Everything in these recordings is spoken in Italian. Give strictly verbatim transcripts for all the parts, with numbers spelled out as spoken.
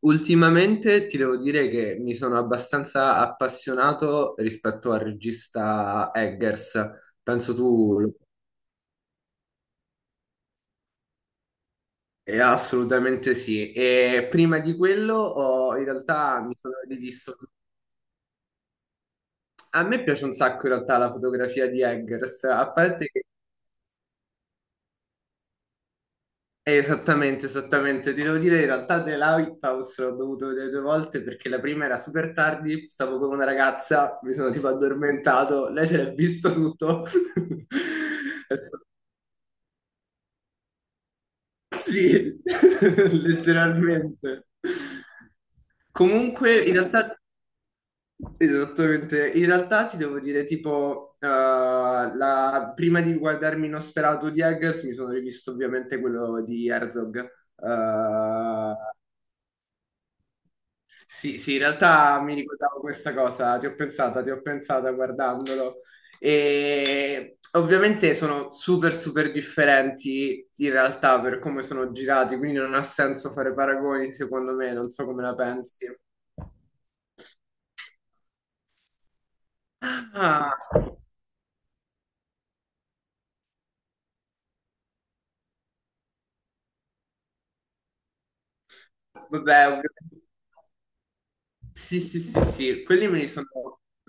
Ultimamente ti devo dire che mi sono abbastanza appassionato rispetto al regista Eggers, penso tu lo- eh, assolutamente sì. E prima di quello ho- in realtà mi sono rivisto. A me piace un sacco in realtà la fotografia di Eggers, a parte che. Eh, Esattamente, esattamente. Ti devo dire, in realtà The Lighthouse l'ho dovuto vedere due volte perché la prima era super tardi, stavo con una ragazza, mi sono tipo addormentato, lei si è visto tutto. È stato. Sì, letteralmente. Comunque, in realtà, esattamente, in realtà ti devo dire, tipo, eh, la- prima di guardarmi Nosferatu di Eggers, mi sono rivisto ovviamente quello di Herzog. Eh, Sì, sì, in realtà mi ricordavo questa cosa, ti ho pensata, ti ho pensata guardandolo. E ovviamente sono super, super differenti in realtà per come sono girati, quindi non ha senso fare paragoni, secondo me, non so come la pensi. Ah, vabbè, ovviamente- sì, sì, sì, sì, quelli me li sono.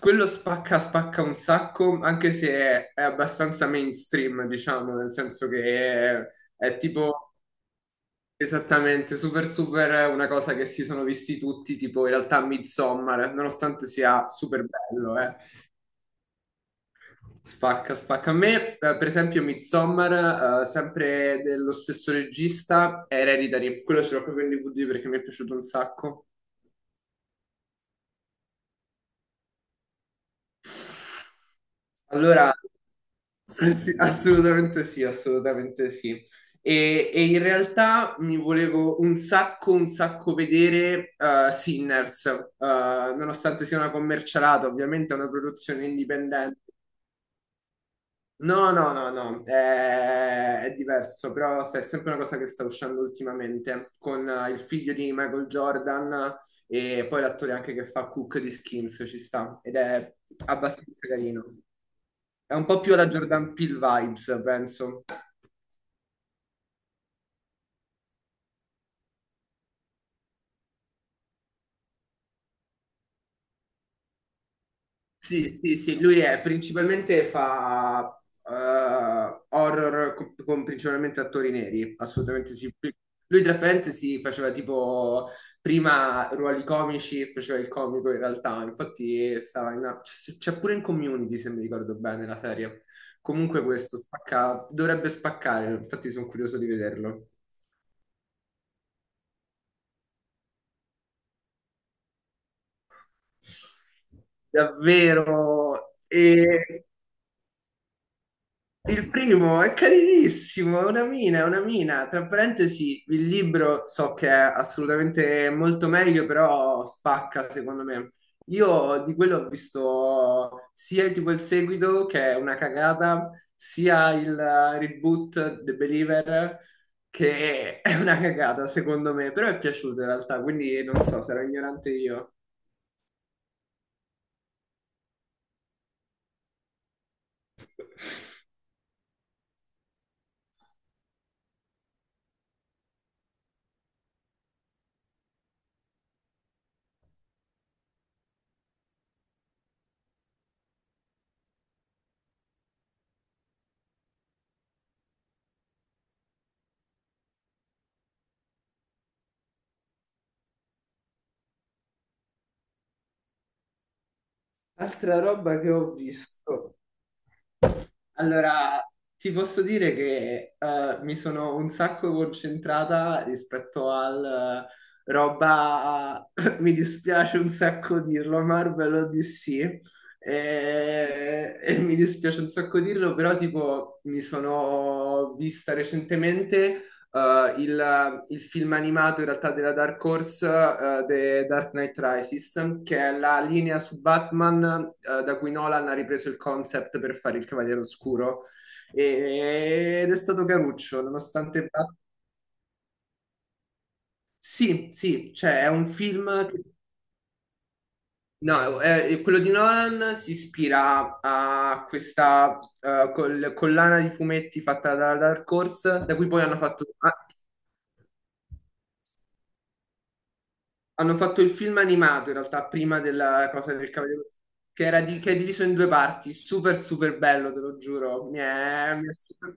Quello spacca, spacca un sacco, anche se è abbastanza mainstream, diciamo, nel senso che è, è tipo. Esattamente, super super è una cosa che si sono visti tutti, tipo in realtà Midsommar, nonostante sia super bello, eh. Spacca, spacca. A me, eh, per esempio, Midsommar, eh, sempre dello stesso regista, è Hereditary, quello ce l'ho proprio in D V D perché mi è piaciuto un sacco. Allora, eh sì, assolutamente sì, assolutamente sì. E, e in realtà mi volevo un sacco, un sacco vedere eh, Sinners, eh, nonostante sia una commercialata, ovviamente è una produzione indipendente. No, no, no, no, è, è diverso, però è sempre una cosa che sta uscendo ultimamente con eh, il figlio di Michael Jordan e poi l'attore anche che fa Cook di Skins, ci sta ed è abbastanza carino. È un po' più alla Jordan Peele vibes, penso. Sì, sì, sì, lui è principalmente fa eh, horror con, con principalmente attori neri, assolutamente sì. Lui tra parentesi faceva tipo prima ruoli comici, faceva il comico in realtà, infatti stava in una- c'è c'è pure in Community se mi ricordo bene la serie. Comunque questo spacca, dovrebbe spaccare, infatti sono curioso di vederlo. Davvero. E il primo è carinissimo, è una mina, è una mina. Tra parentesi, il libro so che è assolutamente molto meglio, però spacca secondo me. Io di quello ho visto sia tipo il seguito, che è una cagata, sia il reboot The Believer, che è una cagata secondo me, però è piaciuto in realtà, quindi non so, sarò ignorante io. Altra roba che ho visto. Allora, ti posso dire che eh, mi sono un sacco concentrata rispetto al eh, roba, mi dispiace un sacco dirlo, Marvel o D C, e, e mi dispiace un sacco dirlo, però tipo mi sono vista recentemente eh, il, il film animato in realtà della Dark Horse, eh, The Dark Knight Rises, che è la linea su Batman, eh, da cui Nolan ha ripreso il concept per fare il Cavaliere Oscuro. E- ed è stato caruccio, nonostante. Bat- Sì, sì, cioè è un film. che- No, eh, quello di Nolan si ispira a questa eh, col- collana di fumetti fatta dalla Dark Horse, da cui poi hanno fatto ah, Hanno fatto il film animato in realtà prima della cosa del Cavaliere, che, era di- che è diviso in due parti. Super, super bello, te lo giuro. Mi è, mi è super.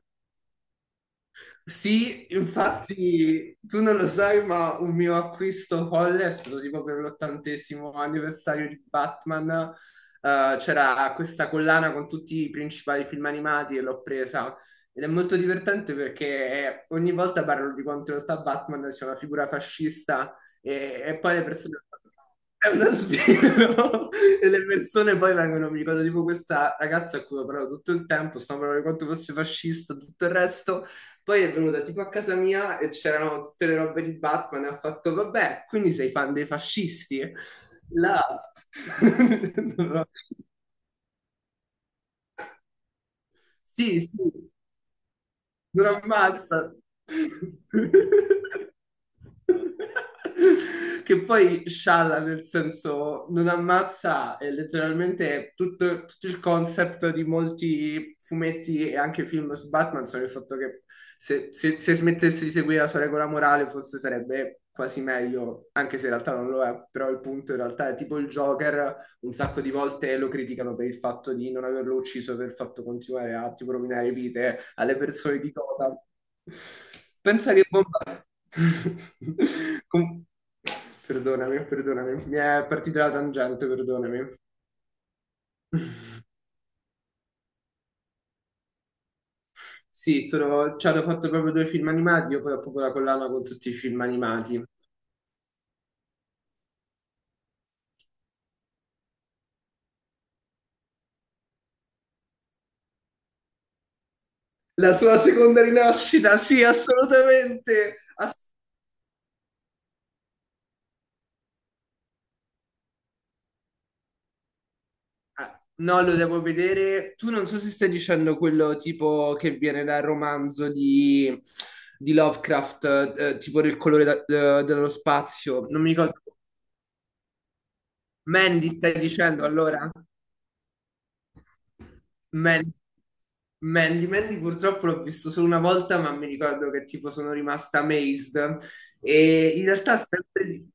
Sì, infatti tu non lo sai, ma un mio acquisto folle è stato tipo per l'ottantesimo anniversario di Batman. eh, c'era questa collana con tutti i principali film animati e l'ho presa. Ed è molto divertente perché ogni volta parlo di quanto in realtà Batman sia una figura fascista e, e poi le persone. È uno sbirro! E le persone poi vengono, mi ricordo tipo questa ragazza a cui ho parlato tutto il tempo, stavo parlando di quanto fosse fascista, tutto il resto, poi è venuta tipo a casa mia e c'erano tutte le robe di Batman e ha fatto, vabbè, quindi sei fan dei fascisti? Là. Sì, sì. Non ammazza. Che poi scialla nel senso non ammazza è letteralmente tutto, tutto il concept di molti fumetti e anche film su Batman sono il fatto che se, se- se smettesse di seguire la sua regola morale forse sarebbe quasi meglio, anche se in realtà non lo è, però il punto in realtà è tipo il Joker un sacco di volte lo criticano per il fatto di non averlo ucciso, per il fatto di continuare a tipo, rovinare vite alle persone di Gotham. Pensa che bomba. Com- Perdonami, perdonami, mi è partita la tangente, perdonami. Sì, sono, ci hanno fatto proprio due film animati, io poi ho proprio la collana con tutti i film animati. La sua seconda rinascita, sì, assolutamente. Ah, no, lo devo vedere. Tu non so se stai dicendo quello tipo che viene dal romanzo di, di Lovecraft, eh, tipo del colore da- eh, dello spazio. Non mi ricordo. Mandy, stai dicendo allora? Man- Mandy, Mandy purtroppo l'ho visto solo una volta, ma mi ricordo che tipo sono rimasta amazed. E in realtà sempre di,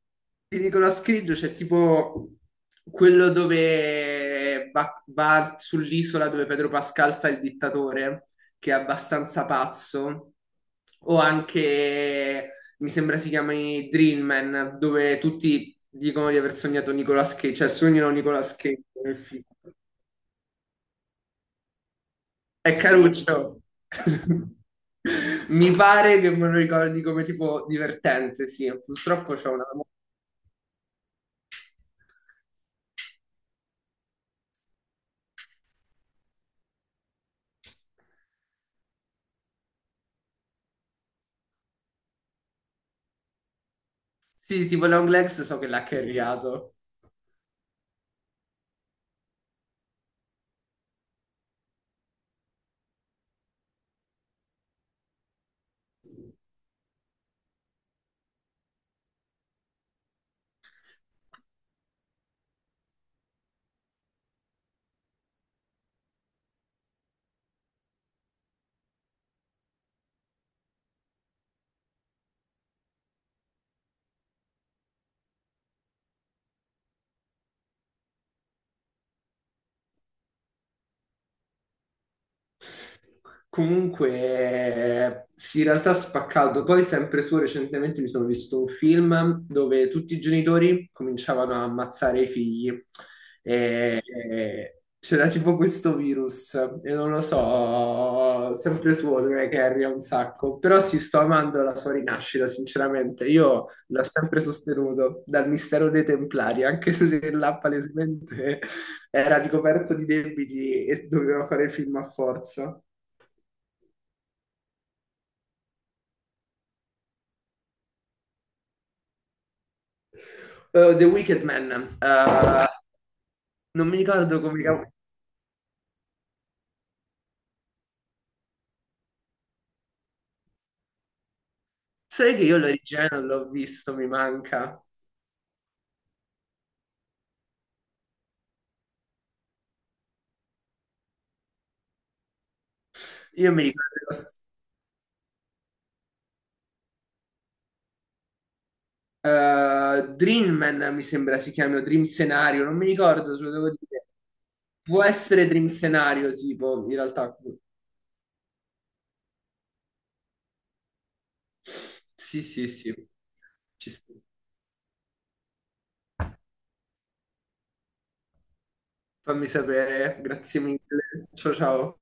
di Nicolas Cage c'è tipo quello dove va, va sull'isola dove Pedro Pascal fa il dittatore, che è abbastanza pazzo. O anche, mi sembra si chiami Dream Man, dove tutti dicono di aver sognato Nicolas Cage, cioè sognano Nicolas Cage nel film. È caruccio. Mi pare che me lo ricordi come tipo divertente, sì. Purtroppo c'è una. Sì, tipo Long Legs so che l'ha carriato. Comunque, sì, in realtà spaccato. Poi, sempre su, recentemente mi sono visto un film dove tutti i genitori cominciavano a ammazzare i figli. E, e c'era tipo questo virus, e non lo so, sempre su, è che arriva un sacco. Però sì, sto amando la sua rinascita, sinceramente. Io l'ho sempre sostenuto dal mistero dei Templari, anche se là palesemente era ricoperto di debiti e doveva fare film a forza. Eh, The Wicked Man. eh, Non mi ricordo come, cavolo. Sai che io l'origine non l'ho visto, mi manca. Io mi ricordo. Lo- eh, Dream Man mi sembra si chiami, o Dream Scenario, non mi ricordo, se lo devo dire. Può essere Dream Scenario, tipo, in realtà. Sì, sì, sì. Ci sta. Fammi sapere, grazie mille. Ciao, ciao.